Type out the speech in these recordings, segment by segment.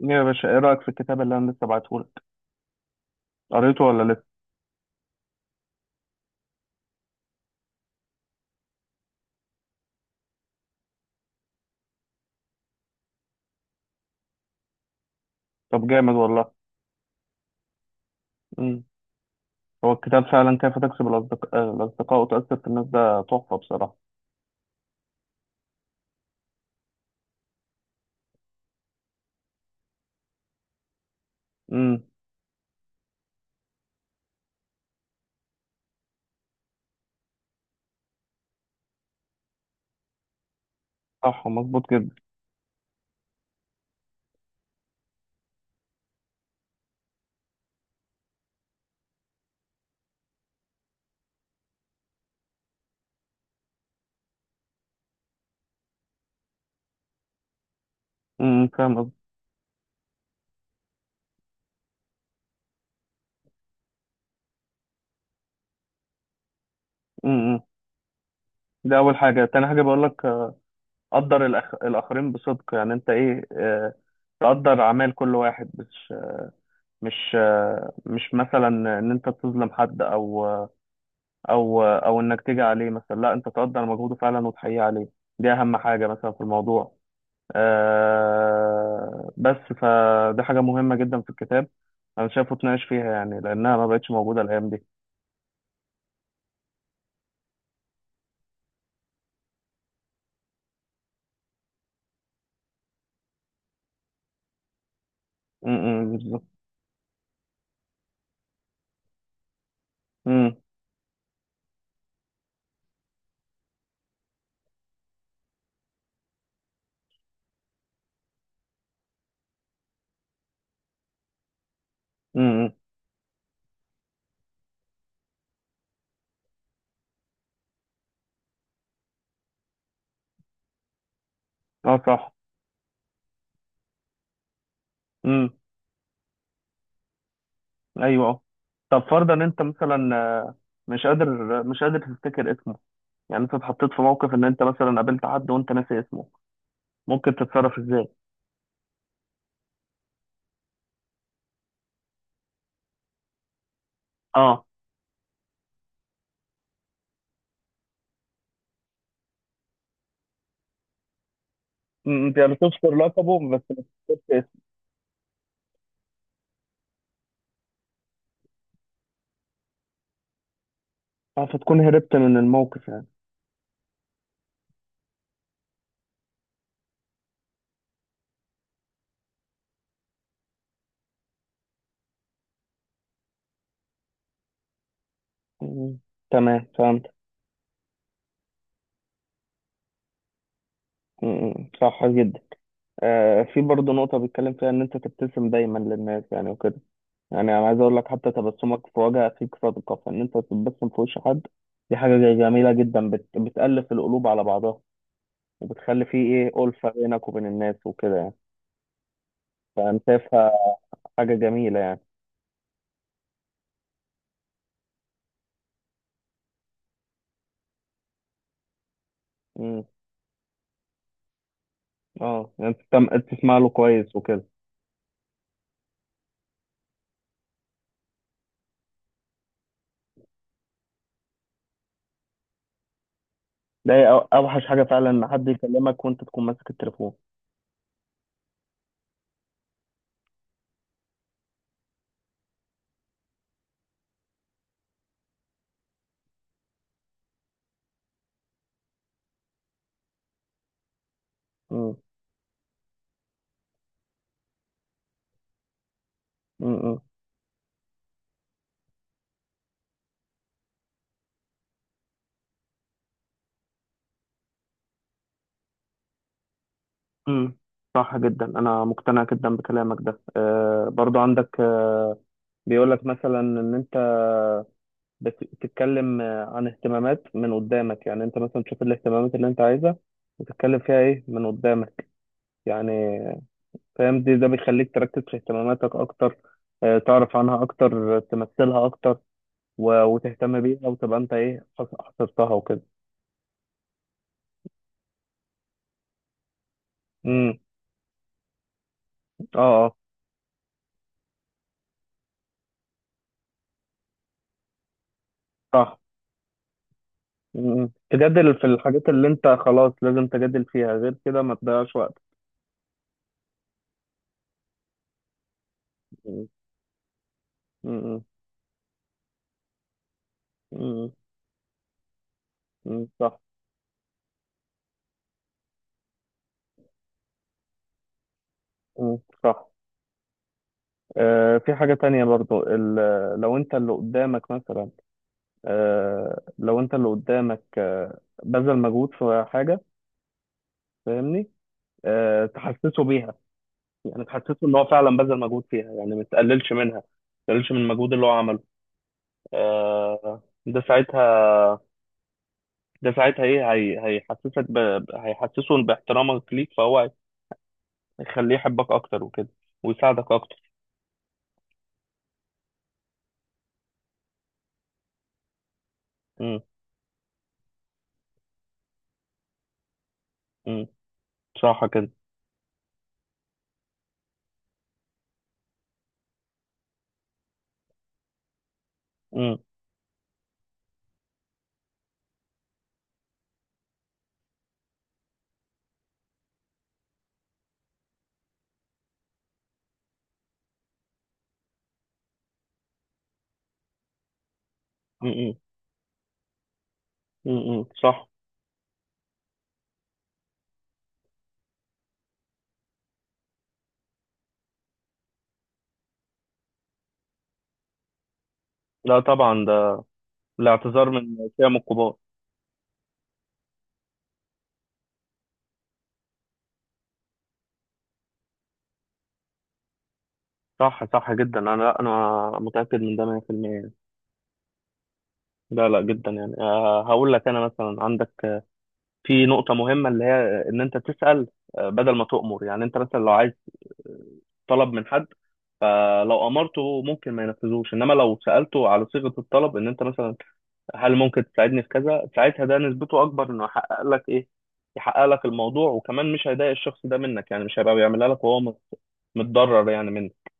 يا باشا ايه رأيك في الكتاب اللي انا لسه بعتهولك؟ قريته ولا لسه؟ طب جامد والله. امم هو الكتاب فعلا كيف تكسب الأصدقاء وتأثر في الناس ده تحفة بصراحة. امم. صح، مظبوط جدا. امم، فاهم قصدي. امم. ده أول حاجة. تاني حاجة بقول لك، قدر الآخرين بصدق، يعني أنت إيه، تقدر أعمال كل واحد، مش مثلا إن أنت تظلم حد، أو أو إنك تيجي عليه، مثلا لا، أنت تقدر مجهوده فعلا وتحييه عليه. دي أهم حاجة مثلا في الموضوع. آه بس فدي حاجة مهمة جدا في الكتاب، أنا شايفه اتناقش فيها يعني، لأنها ما بقتش موجودة الأيام دي. امم، بالظبط. امم. امم. اه صح. امم. أيوه اه. طب فرضا إن أنت مثلا، مش قادر، تفتكر اسمه، يعني أنت اتحطيت في موقف إن أنت مثلا قابلت حد وأنت ناسي اسمه، ممكن تتصرف إزاي؟ اه. امم، يعني تذكر لقبه بس ما تفتكرش اسمه. فتكون هربت من الموقف يعني. امم، تمام فهمت. امم، صح جدا. في برضه نقطة بيتكلم فيها إن أنت تبتسم دايما للناس يعني وكده، يعني أنا عايز أقول لك، حتى تبسمك في وجه أخيك صدقة، فإن أنت تبتسم في وش حد دي حاجة جميلة جدا، بتألف القلوب على بعضها، وبتخلي فيه إيه ألفة بينك وبين الناس وكده يعني. فأنا شايفها حاجة جميلة يعني. مم. أه يعني تسمع له كويس وكده. ده هي أوحش حاجة فعلا، إن حد يكلمك وأنت تكون ماسك التليفون. مم. مم. مم. صح جدا، أنا مقتنع جدا بكلامك ده. أه برضو عندك، بيقول لك مثلا ان انت بتتكلم عن اهتمامات من قدامك، يعني انت مثلا تشوف الاهتمامات اللي انت عايزها وتتكلم فيها ايه من قدامك يعني. فاهم دي، ده بيخليك تركز في اهتماماتك اكتر، تعرف عنها اكتر، تمثلها اكتر، وتهتم بيها وتبقى انت ايه حصرتها وكده. امم. اه اه. صح. مم، تجادل في الحاجات اللي انت خلاص لازم تجادل فيها، غير كده ما تضيعش وقت. مم. مم. مم. مم، صح. مم، صح. في حاجة تانية برضو، لو انت اللي قدامك مثلا، لو انت اللي قدامك بذل مجهود في حاجة، فاهمني، تحسسه بيها. يعني تحسسه ان هو فعلا بذل مجهود فيها، يعني ما تقللش منها، ما تقللش من المجهود اللي هو عمله. ده ساعتها، ده ساعتها ايه هي هيحسسه باحترامك ليك، فهو هيخليه يحبك اكتر وكده، ويساعدك اكتر. امم. امم صح كده. امم. امم. امم. صح. لا طبعا، الاعتذار من قيم الكبار. صح، صح جدا. انا لا انا متاكد من ده 100% يعني. لا لا، جدا يعني. هقول لك، انا مثلا عندك، في نقطه مهمه اللي هي ان انت تسال، بدل ما تؤمر. يعني انت مثلا لو عايز طلب من حد، فلو امرته ممكن ما ينفذوش، انما لو سالته على صيغه الطلب، ان انت مثلا هل ممكن تساعدني في كذا، ساعتها ده نسبته اكبر انه يحقق لك ايه، يحقق لك الموضوع. وكمان مش هيضايق الشخص ده منك، يعني مش هيبقى بيعملها لك وهو متضرر يعني منك.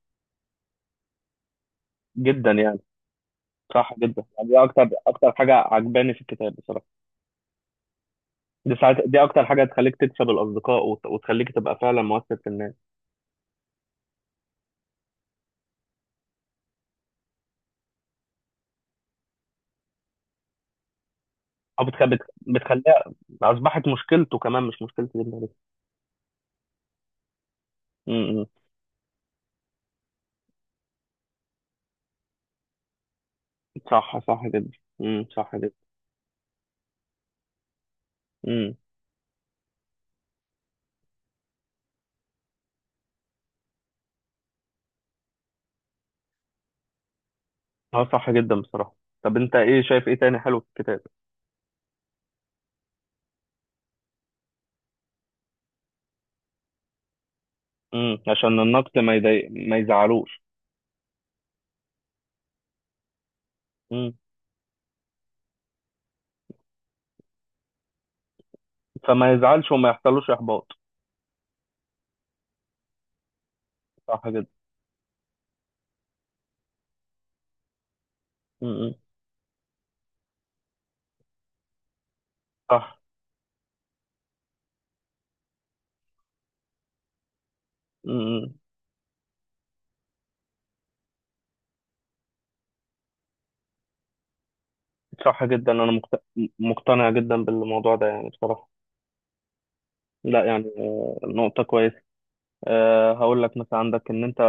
جدا يعني. صح جدا يعني، دي اكتر حاجه عجباني في الكتاب بصراحه. دي ساعات دي اكتر حاجه تخليك تكسب الاصدقاء، وتخليك تبقى فعلا مؤثر في الناس. او بتخليها اصبحت مشكلته كمان، مش مشكلتي. جدا بس. م- م. صح، صح جدا. م، صح جدا. م. اه صح جدا بصراحه. طب انت ايه شايف ايه تاني حلو في الكتاب؟ م، عشان النقد ما يضايق، ما يزعلوش. م. فما يزعلش وما يحصلوش احباط. صح جدا. م. صح. م- م، صح جدا. انا مقتنع جدا بالموضوع ده يعني بصراحه. لا يعني، نقطة كويسة. هقول لك مثلا عندك إن أنت،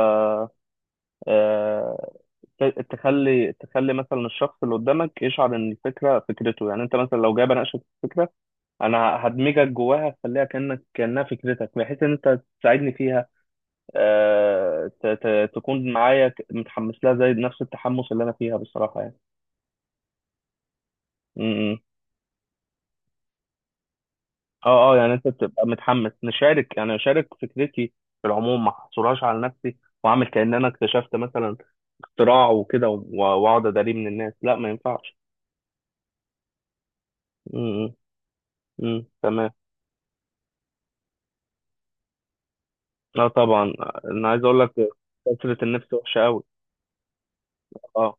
آه، تخلي، مثلا الشخص اللي قدامك يشعر إن الفكرة فكرته. يعني أنت مثلا لو جاي بناقشك في فكرة، أنا هدمجك جواها، أخليها كأنك كأنها فكرتك، بحيث إن أنت تساعدني فيها. تكون معايا متحمس لها زي نفس التحمس اللي أنا فيها بصراحة يعني. م. اه اه، يعني انت بتبقى متحمس نشارك، يعني اشارك فكرتي في العموم، ما احصرهاش على نفسي، واعمل كأن انا اكتشفت مثلا اختراع وكده، واقعد اداريه من الناس. لا ما ينفعش. امم. امم، تمام. لا طبعا، انا عايز اقول لك كثرة النفس وحشة قوي. اه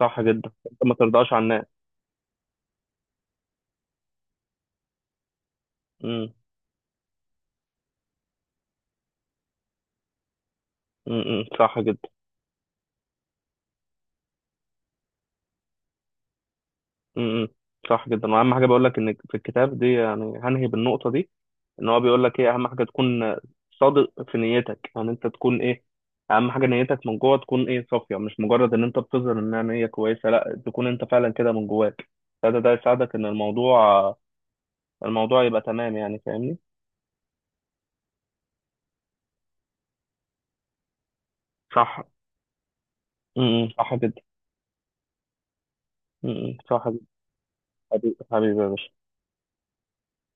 صح جدا، انت ما ترضاش عن الناس. امم. صح جدا. امم صح جدا، واهم حاجة بقول لك ان في الكتاب دي، يعني هنهي بالنقطة دي، ان هو بيقول لك ايه اهم حاجه، تكون صادق في نيتك. يعني انت تكون ايه، اهم حاجه نيتك من جوه تكون ايه، صافيه، مش مجرد ان انت بتظهر انها نيه كويسه، لا تكون انت فعلا كده من جواك. ده ده يساعدك ان الموضوع يبقى تمام يعني، فاهمني. صح. صح جدا. صح جدا. حبيبي، حبيبي يا باشا.